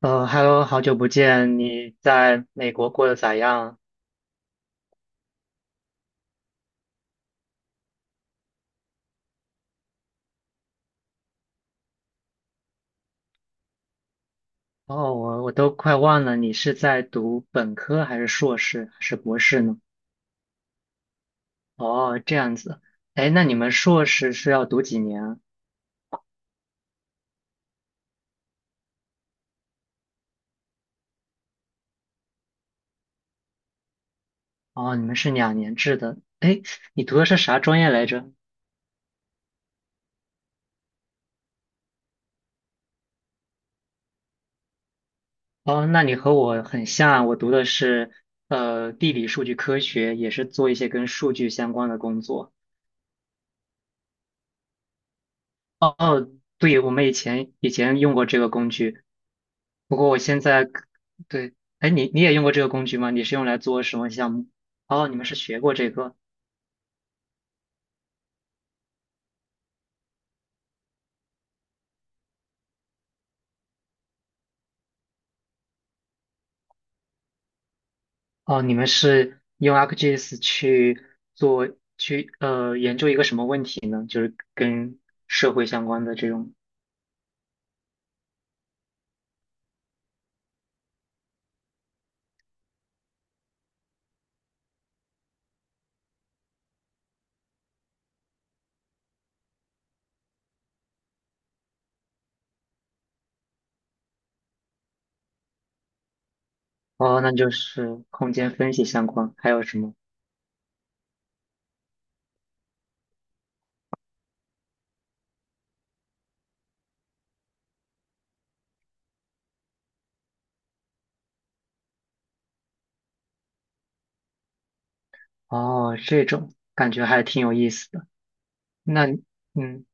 嗯，Hello，好久不见，你在美国过得咋样？哦，我都快忘了，你是在读本科还是硕士还是博士呢？哦，这样子，哎，那你们硕士是要读几年啊。哦，你们是2年制的。哎，你读的是啥专业来着？哦，那你和我很像，我读的是地理数据科学，也是做一些跟数据相关的工作。哦，对，我们以前用过这个工具。不过我现在，对，哎，你也用过这个工具吗？你是用来做什么项目？哦，你们是学过这个，哦，你们是用 ArcGIS 去做，去研究一个什么问题呢？跟社会相关的这种，哦，那就是空间分析相关，还有什么？哦，这种感觉还挺有意思的。那你嗯，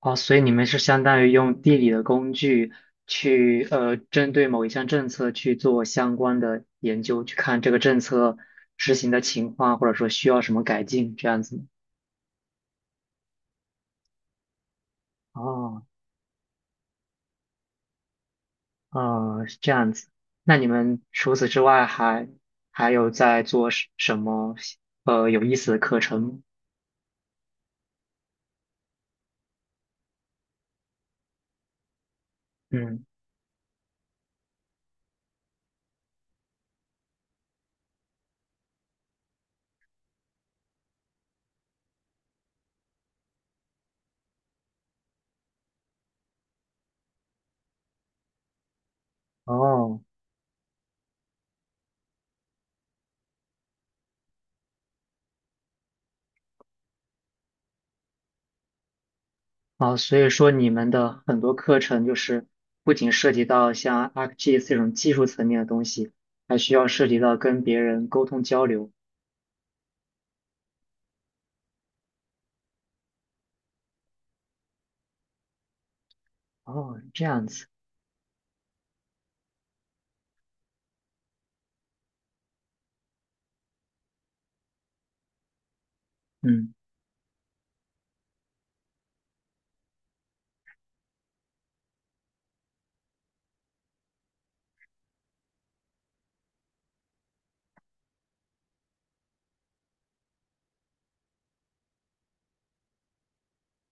哦，所以你们是相当于用地理的工具去，针对某一项政策去做相关的研究，去看这个政策执行的情况，或者说需要什么改进，这样子吗。哦，是这样子。那你们除此之外还有在做什么有意思的课程吗？嗯，哦。啊，所以说你们的很多课程就是不仅涉及到像 ArcGIS 这种技术层面的东西，还需要涉及到跟别人沟通交流。哦，这样子，嗯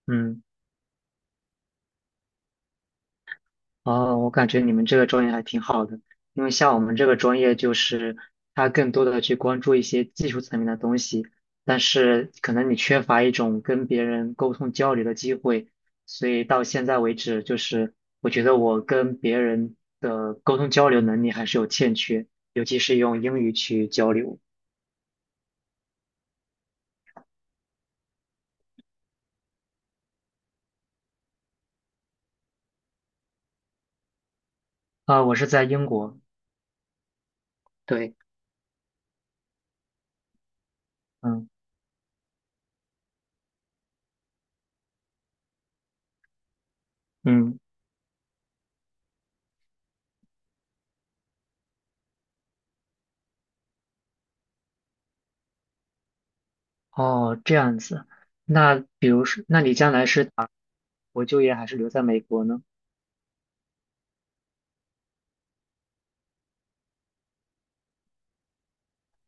嗯。哦，我感觉你们这个专业还挺好的，因为像我们这个专业，就是它更多的去关注一些技术层面的东西，但是可能你缺乏一种跟别人沟通交流的机会，所以到现在为止，就是我觉得我跟别人的沟通交流能力还是有欠缺，尤其是用英语去交流。啊，我是在英国，对，嗯嗯，哦，这样子，那比如说，那你将来是打国就业还是留在美国呢？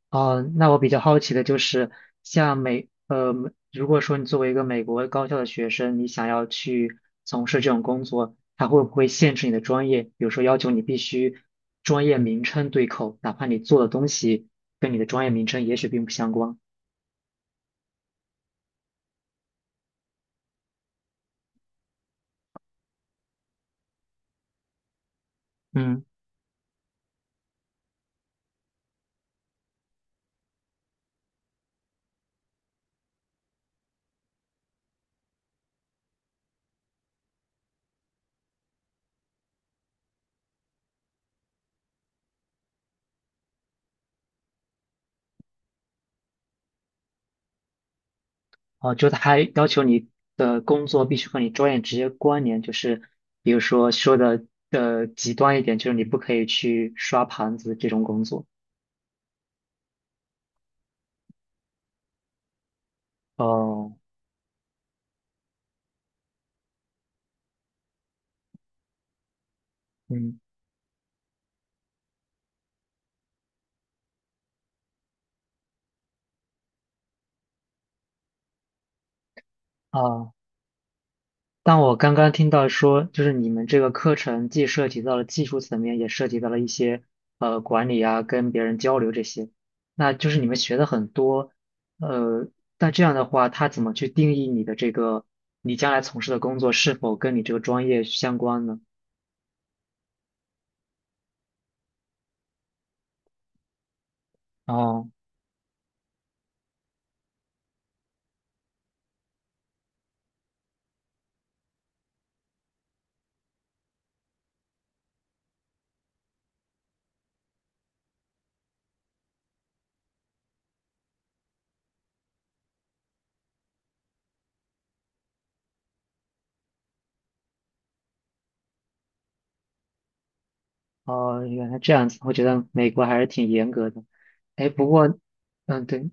哦，那我比较好奇的就是，像美，呃，如果说你作为一个美国高校的学生，你想要去从事这种工作，它会不会限制你的专业？比如说要求你必须专业名称对口，哪怕你做的东西跟你的专业名称也许并不相关。嗯，哦，就它还要求你的工作必须和你专业直接关联，就是比如说的极端一点，就是你不可以去刷盘子这种工作。哦，嗯。啊，但我刚刚听到说，就是你们这个课程既涉及到了技术层面，也涉及到了一些管理啊，跟别人交流这些。那就是你们学的很多，呃，但这样的话，他怎么去定义你的这个你将来从事的工作是否跟你这个专业相关呢？哦哦，原来这样子，我觉得美国还是挺严格的。哎，不过，嗯，对，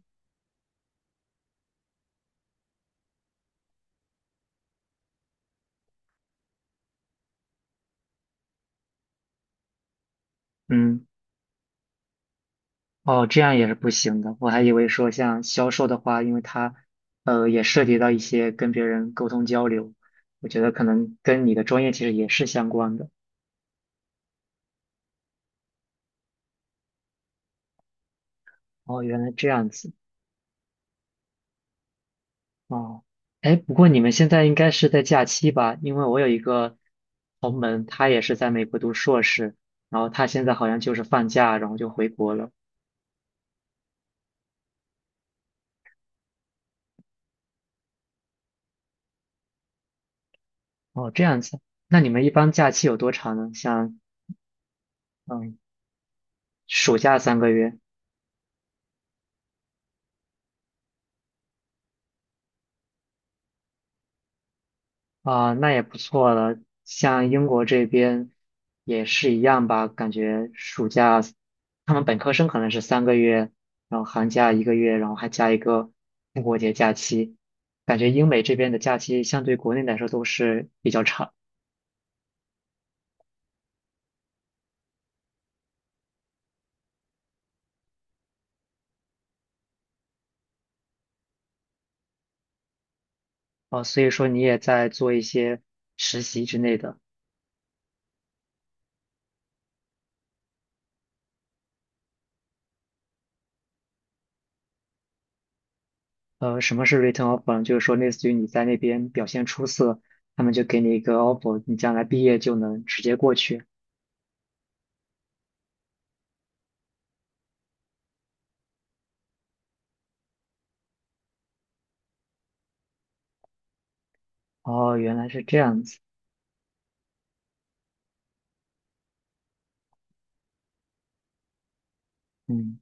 嗯。哦，这样也是不行的。我还以为说像销售的话，因为它，也涉及到一些跟别人沟通交流，我觉得可能跟你的专业其实也是相关的。哦，原来这样子。哦，哎，不过你们现在应该是在假期吧？因为我有一个同门，他也是在美国读硕士，然后他现在好像就是放假，然后就回国了。哦，这样子。那你们一般假期有多长呢？像，嗯，暑假三个月。啊，那也不错了。像英国这边也是一样吧，感觉暑假他们本科生可能是三个月，然后寒假一个月，然后还加一个复活节假期。感觉英美这边的假期相对国内来说都是比较长。啊，所以说你也在做一些实习之类的。什么是 return offer？呢？就是说类似于你在那边表现出色，他们就给你一个 offer，你将来毕业就能直接过去。哦，原来是这样子。嗯。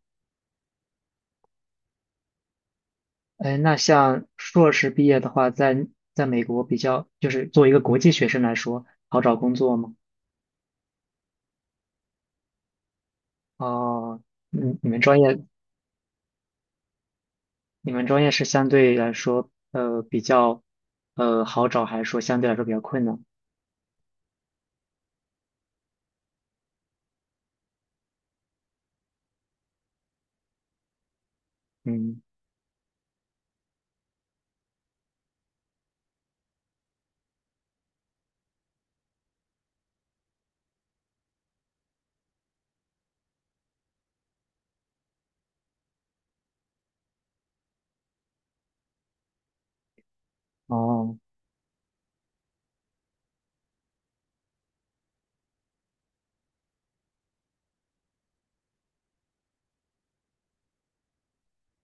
哎，那像硕士毕业的话，在美国比较，就是作为一个国际学生来说，好找工作吗？哦，嗯，你们专业是相对来说，比较，好找，还是说相对来说比较困难？嗯，哦，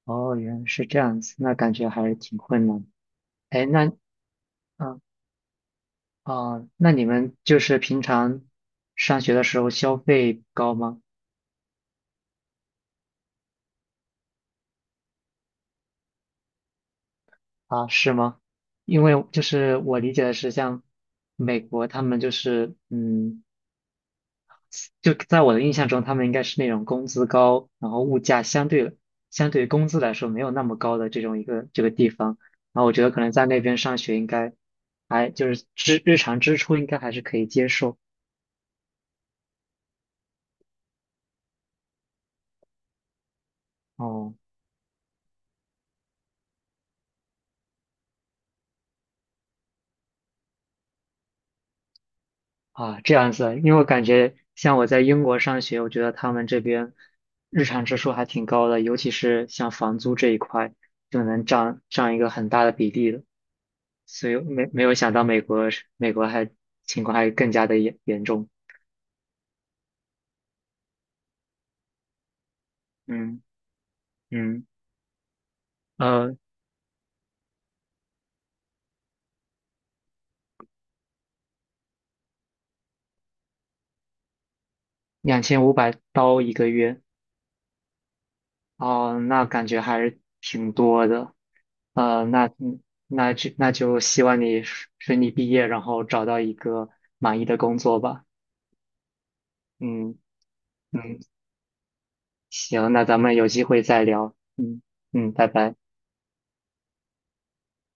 哦，原来是这样子，那感觉还是挺困难。哎，那，嗯，哦，那你们就是平常上学的时候消费高吗？啊，是吗？因为就是我理解的是，像美国他们就是，嗯，就在我的印象中，他们应该是那种工资高，然后物价相对于工资来说没有那么高的这种一个这个地方。然后我觉得可能在那边上学应该还就是支日常支出应该还是可以接受。哦。啊，这样子，因为我感觉像我在英国上学，我觉得他们这边日常支出还挺高的，尤其是像房租这一块，就能占一个很大的比例的。所以没有想到美国还情况还更加的严重。嗯嗯，呃，2500刀一个月，哦，那感觉还是挺多的。那，那就希望你顺利毕业，然后找到一个满意的工作吧。嗯。嗯，行，那咱们有机会再聊。嗯嗯，拜拜。